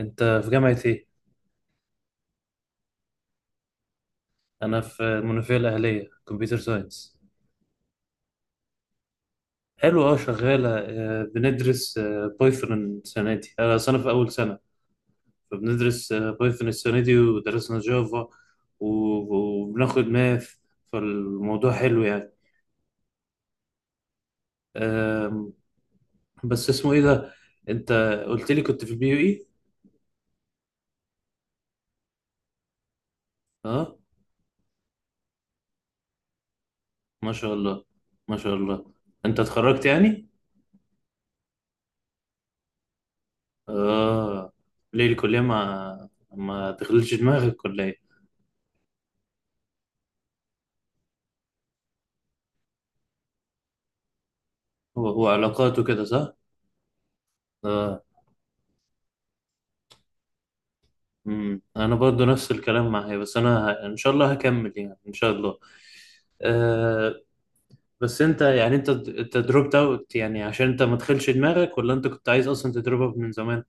انت في جامعة ايه؟ انا في المنوفية الاهلية كمبيوتر ساينس. حلو اه، شغالة. بندرس بايثون السنة دي. انا سنة، في اول سنة، فبندرس بايثون السنة دي ودرسنا جافا، وبناخد ماث. فالموضوع حلو يعني. آم، بس اسمه ايه ده؟ انت قلت لي كنت في البي يو اي؟ اه، ما شاء الله، ما شاء الله. انت اتخرجت يعني؟ اه. ليه الكلية ما تخليش دماغك ولا ايه؟ وعلاقاته كده صح؟ اه. امم، انا برضو نفس الكلام معايا، بس انا ان شاء الله هكمل يعني ان شاء الله. آه. بس انت يعني انت دروبت اوت يعني عشان انت ما تدخلش دماغك، ولا انت كنت عايز اصلا تدروب اوت من زمان؟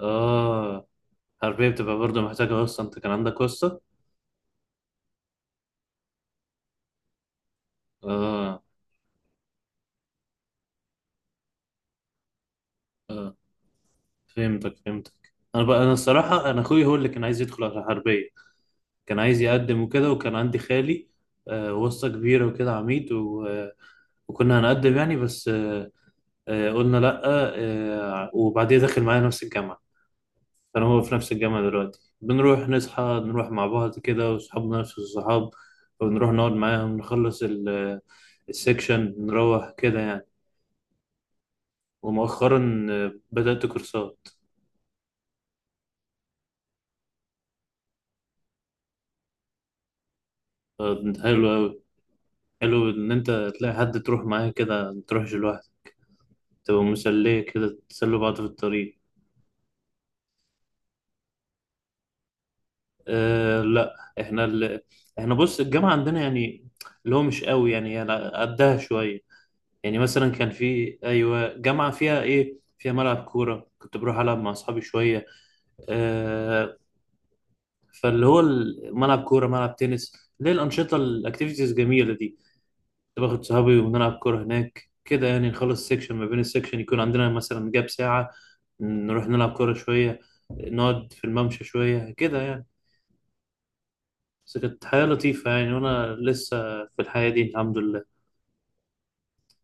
اه. حربية بتبقى برضو محتاجة واسطة، انت كان عندك واسطة؟ اه، اه، فهمتك فهمتك. انا بقى، انا الصراحة انا اخوي هو اللي كان عايز يدخل على الحربية، كان عايز يقدم وكده، وكان عندي خالي آه واسطة كبيرة وكده، عميد و... آه، وكنا هنقدم يعني، بس قلنا لأ. وبعديها داخل معايا نفس الجامعة. كان هو في نفس الجامعة دلوقتي، بنروح نصحى نروح مع بعض كده، وصحابنا نفس الصحاب، ونروح نقعد معاهم نخلص السكشن نروح كده يعني. ومؤخرا بدأت كورسات. حلو أوي. حلو إن أنت تلاقي حد تروح معاه كده، متروحش لوحدك، تبقى مسلية كده، تسلوا بعض في الطريق. أه لأ إحنا ال... إحنا بص، الجامعة عندنا يعني اللي هو مش قوي يعني، يعني قدها شوية. يعني مثلا كان في، ايوه، جامعه فيها ايه، فيها ملعب كوره، كنت بروح العب مع اصحابي شويه. آه فاللي هو ملعب كوره، ملعب تنس، ليه الانشطه الاكتيفيتيز الجميله دي. كنت باخد صحابي وبنلعب كوره هناك كده يعني، نخلص سيكشن، ما بين السيكشن يكون عندنا مثلا جاب ساعه، نروح نلعب كوره شويه، نقعد في الممشى شويه كده يعني. بس كانت حياة لطيفة يعني، وأنا لسه في الحياة دي الحمد لله.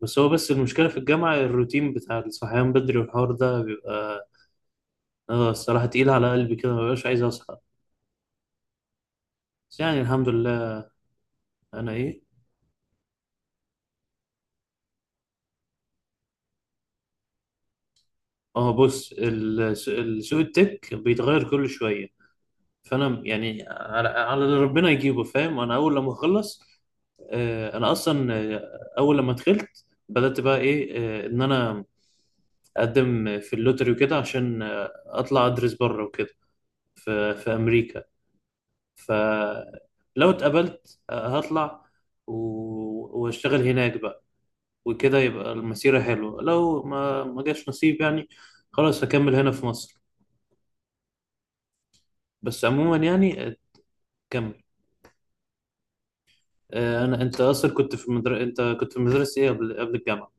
بس هو بس المشكلة في الجامعة الروتين بتاع الصحيان بدري والحوار ده بيبقى، اه الصراحة تقيلة على قلبي كده، مبقاش عايز أصحى. بس يعني الحمد لله. أنا إيه؟ اه بص، سوق التك بيتغير كل شوية، فأنا يعني على اللي ربنا يجيبه، فاهم؟ أنا أول لما أخلص، أنا أصلا أول لما دخلت بدأت بقى إيه، إن أنا أقدم في اللوتري وكده، عشان أطلع أدرس بره وكده، في في أمريكا. فلو اتقبلت، هطلع وأشتغل هناك بقى، وكده يبقى المسيرة حلوة. لو ما جاش نصيب يعني، خلاص هكمل هنا في مصر. بس عموما يعني كمل. انا، انت اصلا كنت في انت كنت في مدرسة ايه قبل قبل الجامعة؟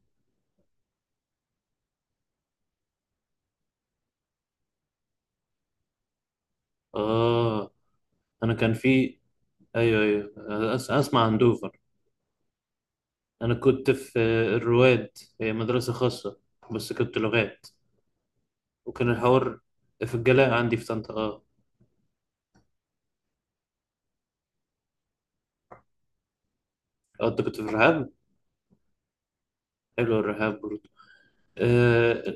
اه، انا كان في، ايوه ايوه، اسمع عن دوفر. انا كنت في الرواد، هي مدرسة خاصة، بس كنت لغات. وكان الحوار في الجلاء عندي في طنطا، اه. انت كنت في الرحاب، حلو الرحاب برضه. آه،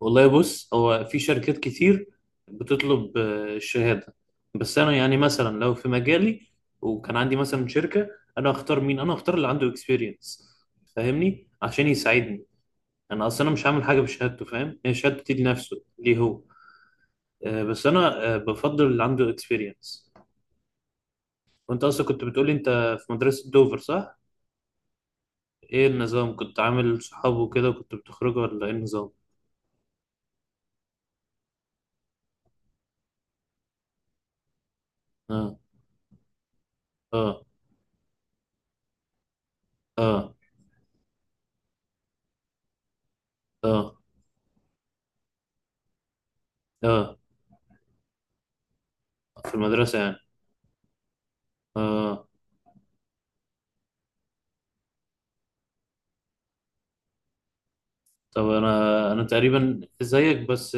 والله بص، هو في شركات كتير بتطلب الشهادة، بس أنا يعني مثلا لو في مجالي وكان عندي مثلا شركة، أنا هختار مين؟ أنا هختار اللي عنده اكسبيرينس، فاهمني؟ عشان يساعدني. أنا أصلا أنا مش هعمل حاجة بشهادته، فاهم؟ هي شهادتي لنفسه، ليه هو. بس أنا بفضل اللي عنده اكسبيرينس. وأنت أصلا كنت بتقولي أنت في مدرسة دوفر، صح؟ إيه النظام؟ كنت عامل صحاب وكده، وكنت بتخرجوا، ولا إيه النظام؟ آه، آه، آه، آه، آه، في المدرسة يعني. آه. طب انا، انا تقريبا زيك، بس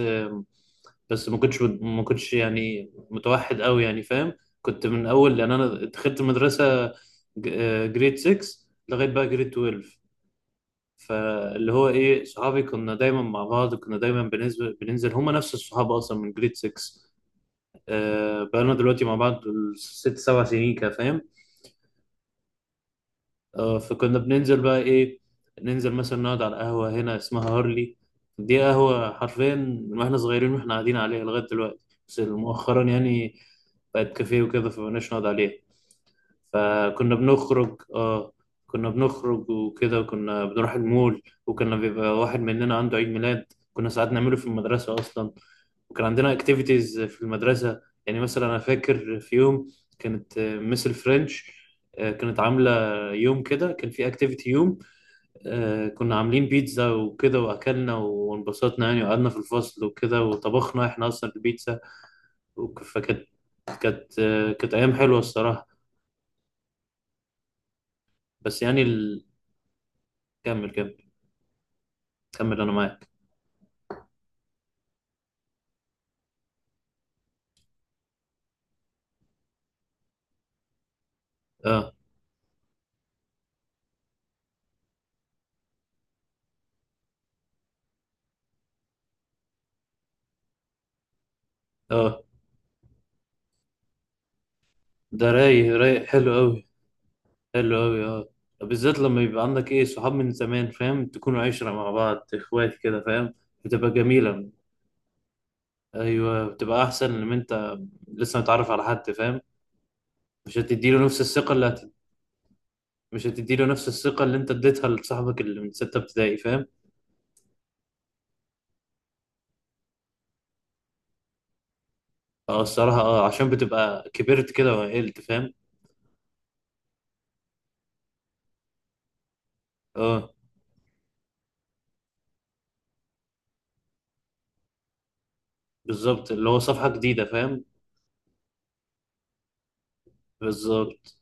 بس ما كنتش يعني متوحد قوي يعني، فاهم؟ كنت من اول، لان انا دخلت مدرسه جريد 6 لغايه بقى جريد 12. فاللي هو ايه، صحابي كنا دايما مع بعض، كنا دايما بننزل هما نفس الصحاب اصلا من جريد 6. بقالنا دلوقتي مع بعض ست سبع سنين كده، فاهم؟ فكنا بننزل بقى ايه، ننزل مثلا نقعد على قهوة هنا اسمها هارلي. دي قهوة حرفيا من واحنا صغيرين واحنا قاعدين عليها لغاية دلوقتي. بس مؤخرا يعني بقت كافيه وكده، فمبقناش نقعد عليها. فكنا بنخرج، اه كنا بنخرج وكده، وكنا بنروح المول، وكنا بيبقى واحد مننا عنده عيد ميلاد، كنا ساعات نعمله في المدرسة أصلا. وكان عندنا اكتيفيتيز في المدرسة. يعني مثلا أنا فاكر في يوم كانت مس الفرنش كانت عاملة يوم كده، كان في اكتيفيتي يوم، كنا عاملين بيتزا وكده، وأكلنا وانبسطنا يعني، وقعدنا في الفصل وكده، وطبخنا احنا أصلا البيتزا. فكانت، كانت كانت أيام حلوة الصراحة. بس يعني ال... كمل كمل، كمل أنا معاك. اه، اه، ده رايق رايق، حلو أوي، حلو أوي، أه. بالذات لما يبقى عندك إيه، صحاب من زمان، فاهم؟ تكونوا عشرة مع بعض، إخوات كده، فاهم؟ بتبقى جميلة. أيوه بتبقى أحسن لما أنت لسه متعرف على حد، فاهم؟ مش هتديله نفس الثقة اللي هت... مش هتديله نفس الثقة اللي أنت اديتها لصاحبك اللي من ستة ابتدائي، فاهم؟ أه الصراحة أه، عشان بتبقى كبرت كده وعقلت، فاهم؟ أه بالظبط، اللي هو صفحة جديدة، فاهم؟ بالظبط.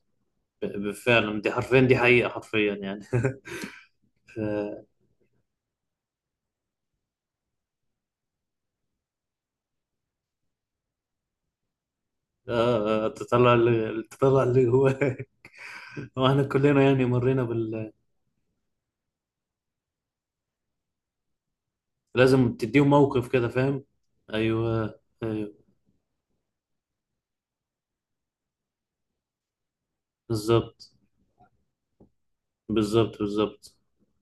فعلا دي حرفيا، دي حقيقة حرفيا يعني. ف... آه، تطلع اللي جواك. هو احنا كلنا يعني مرينا بال، لازم تديهم موقف كده، فاهم؟ ايوه ايوه، بالظبط، بالظبط، بالظبط.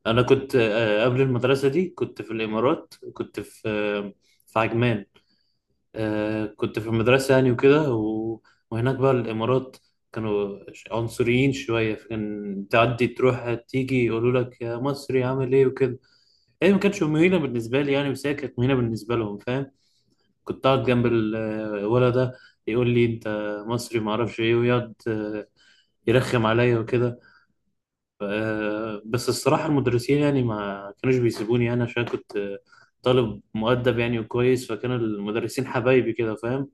انا كنت قبل المدرسه دي كنت في الامارات، كنت في في عجمان. كنت في المدرسه يعني وكده وهناك بقى الامارات كانوا عنصريين شويه، فكان تعدي تروح تيجي يقولوا لك يا مصري عامل ايه وكده. هي ما كانتش مهينه بالنسبه لي يعني، بس هي كانت مهينه بالنسبه لهم، فاهم؟ كنت قاعد جنب الولد ده يقول لي انت مصري ما اعرفش ايه، ويقعد يرخم عليا وكده. بس الصراحة المدرسين يعني ما كانوش بيسيبوني، يعني عشان كنت طالب مؤدب يعني وكويس، فكان المدرسين حبايبي كده، فاهم؟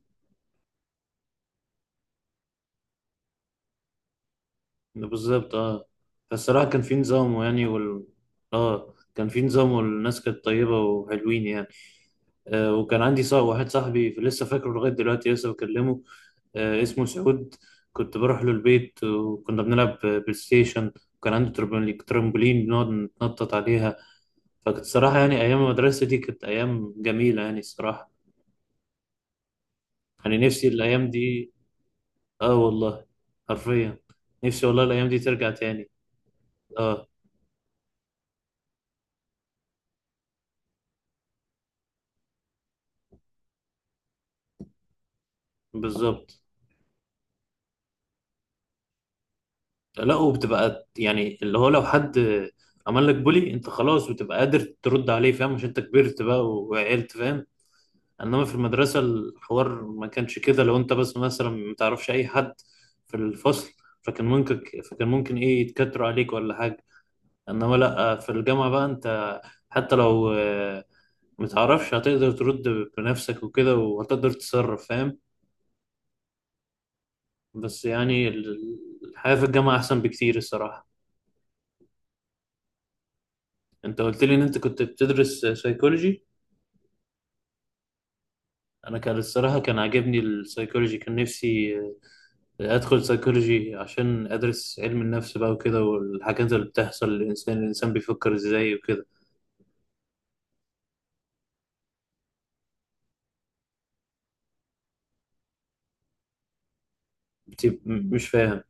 بالظبط اه. فالصراحة كان في نظام يعني اه كان في نظام، والناس كانت طيبة وحلوين يعني. آه، وكان عندي صاحب، واحد صاحبي لسه فاكره لغاية دلوقتي، لسه بكلمه، اسمه سعود. كنت بروح له البيت وكنا بنلعب بلاي ستيشن، وكان عنده ترامبولين، ترامبولين بنقعد نتنطط عليها. فكانت الصراحة يعني أيام المدرسة دي كانت أيام جميلة يعني الصراحة. يعني نفسي الأيام دي. آه والله، حرفيا. نفسي والله الأيام دي ترجع تاني. آه. بالظبط. لا، وبتبقى يعني اللي هو لو حد عمل لك بولي أنت خلاص بتبقى قادر ترد عليه، فاهم؟ مش أنت كبرت بقى وعقلت، فاهم؟ انما في المدرسه الحوار ما كانش كده، لو انت بس مثلا ما تعرفش اي حد في الفصل، فكان ممكن فكان ممكن ايه يتكتروا عليك ولا حاجه. انما لا، في الجامعه بقى انت حتى لو ما تعرفش هتقدر ترد بنفسك وكده، وهتقدر تتصرف، فاهم؟ بس يعني الحياه في الجامعه احسن بكتير الصراحه. انت قلت لي ان انت كنت بتدرس سايكولوجي. انا كان الصراحه كان عاجبني السايكولوجي، كان نفسي ادخل سيكولوجي عشان ادرس علم النفس بقى وكده، والحاجات اللي بتحصل للانسان، الانسان بيفكر ازاي وكده. مش فاهم.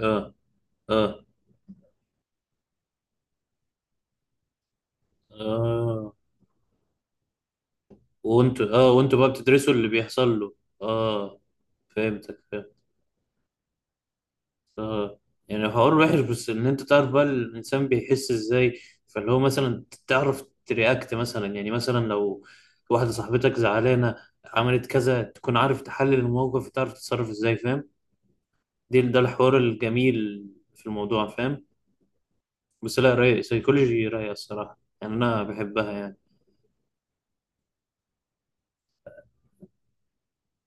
اه، اه، اه. وانتوا بقى بتدرسوا اللي بيحصل له. اه، فهمتك فهمت. اه، يعني حوار وحش، بس ان انت تعرف بقى الانسان بيحس ازاي، فاللي هو مثلا تعرف ترياكت مثلا، يعني مثلا لو واحدة صاحبتك زعلانة عملت كذا، تكون عارف تحلل الموقف وتعرف تتصرف ازاي، فاهم؟ دي ده الحوار الجميل في الموضوع، فاهم؟ بس لا رايق، سيكولوجي رايقة الصراحة يعني، أنا بحبها يعني.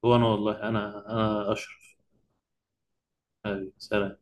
هو أنا والله أنا أنا أشرف. حبيبي، سلام.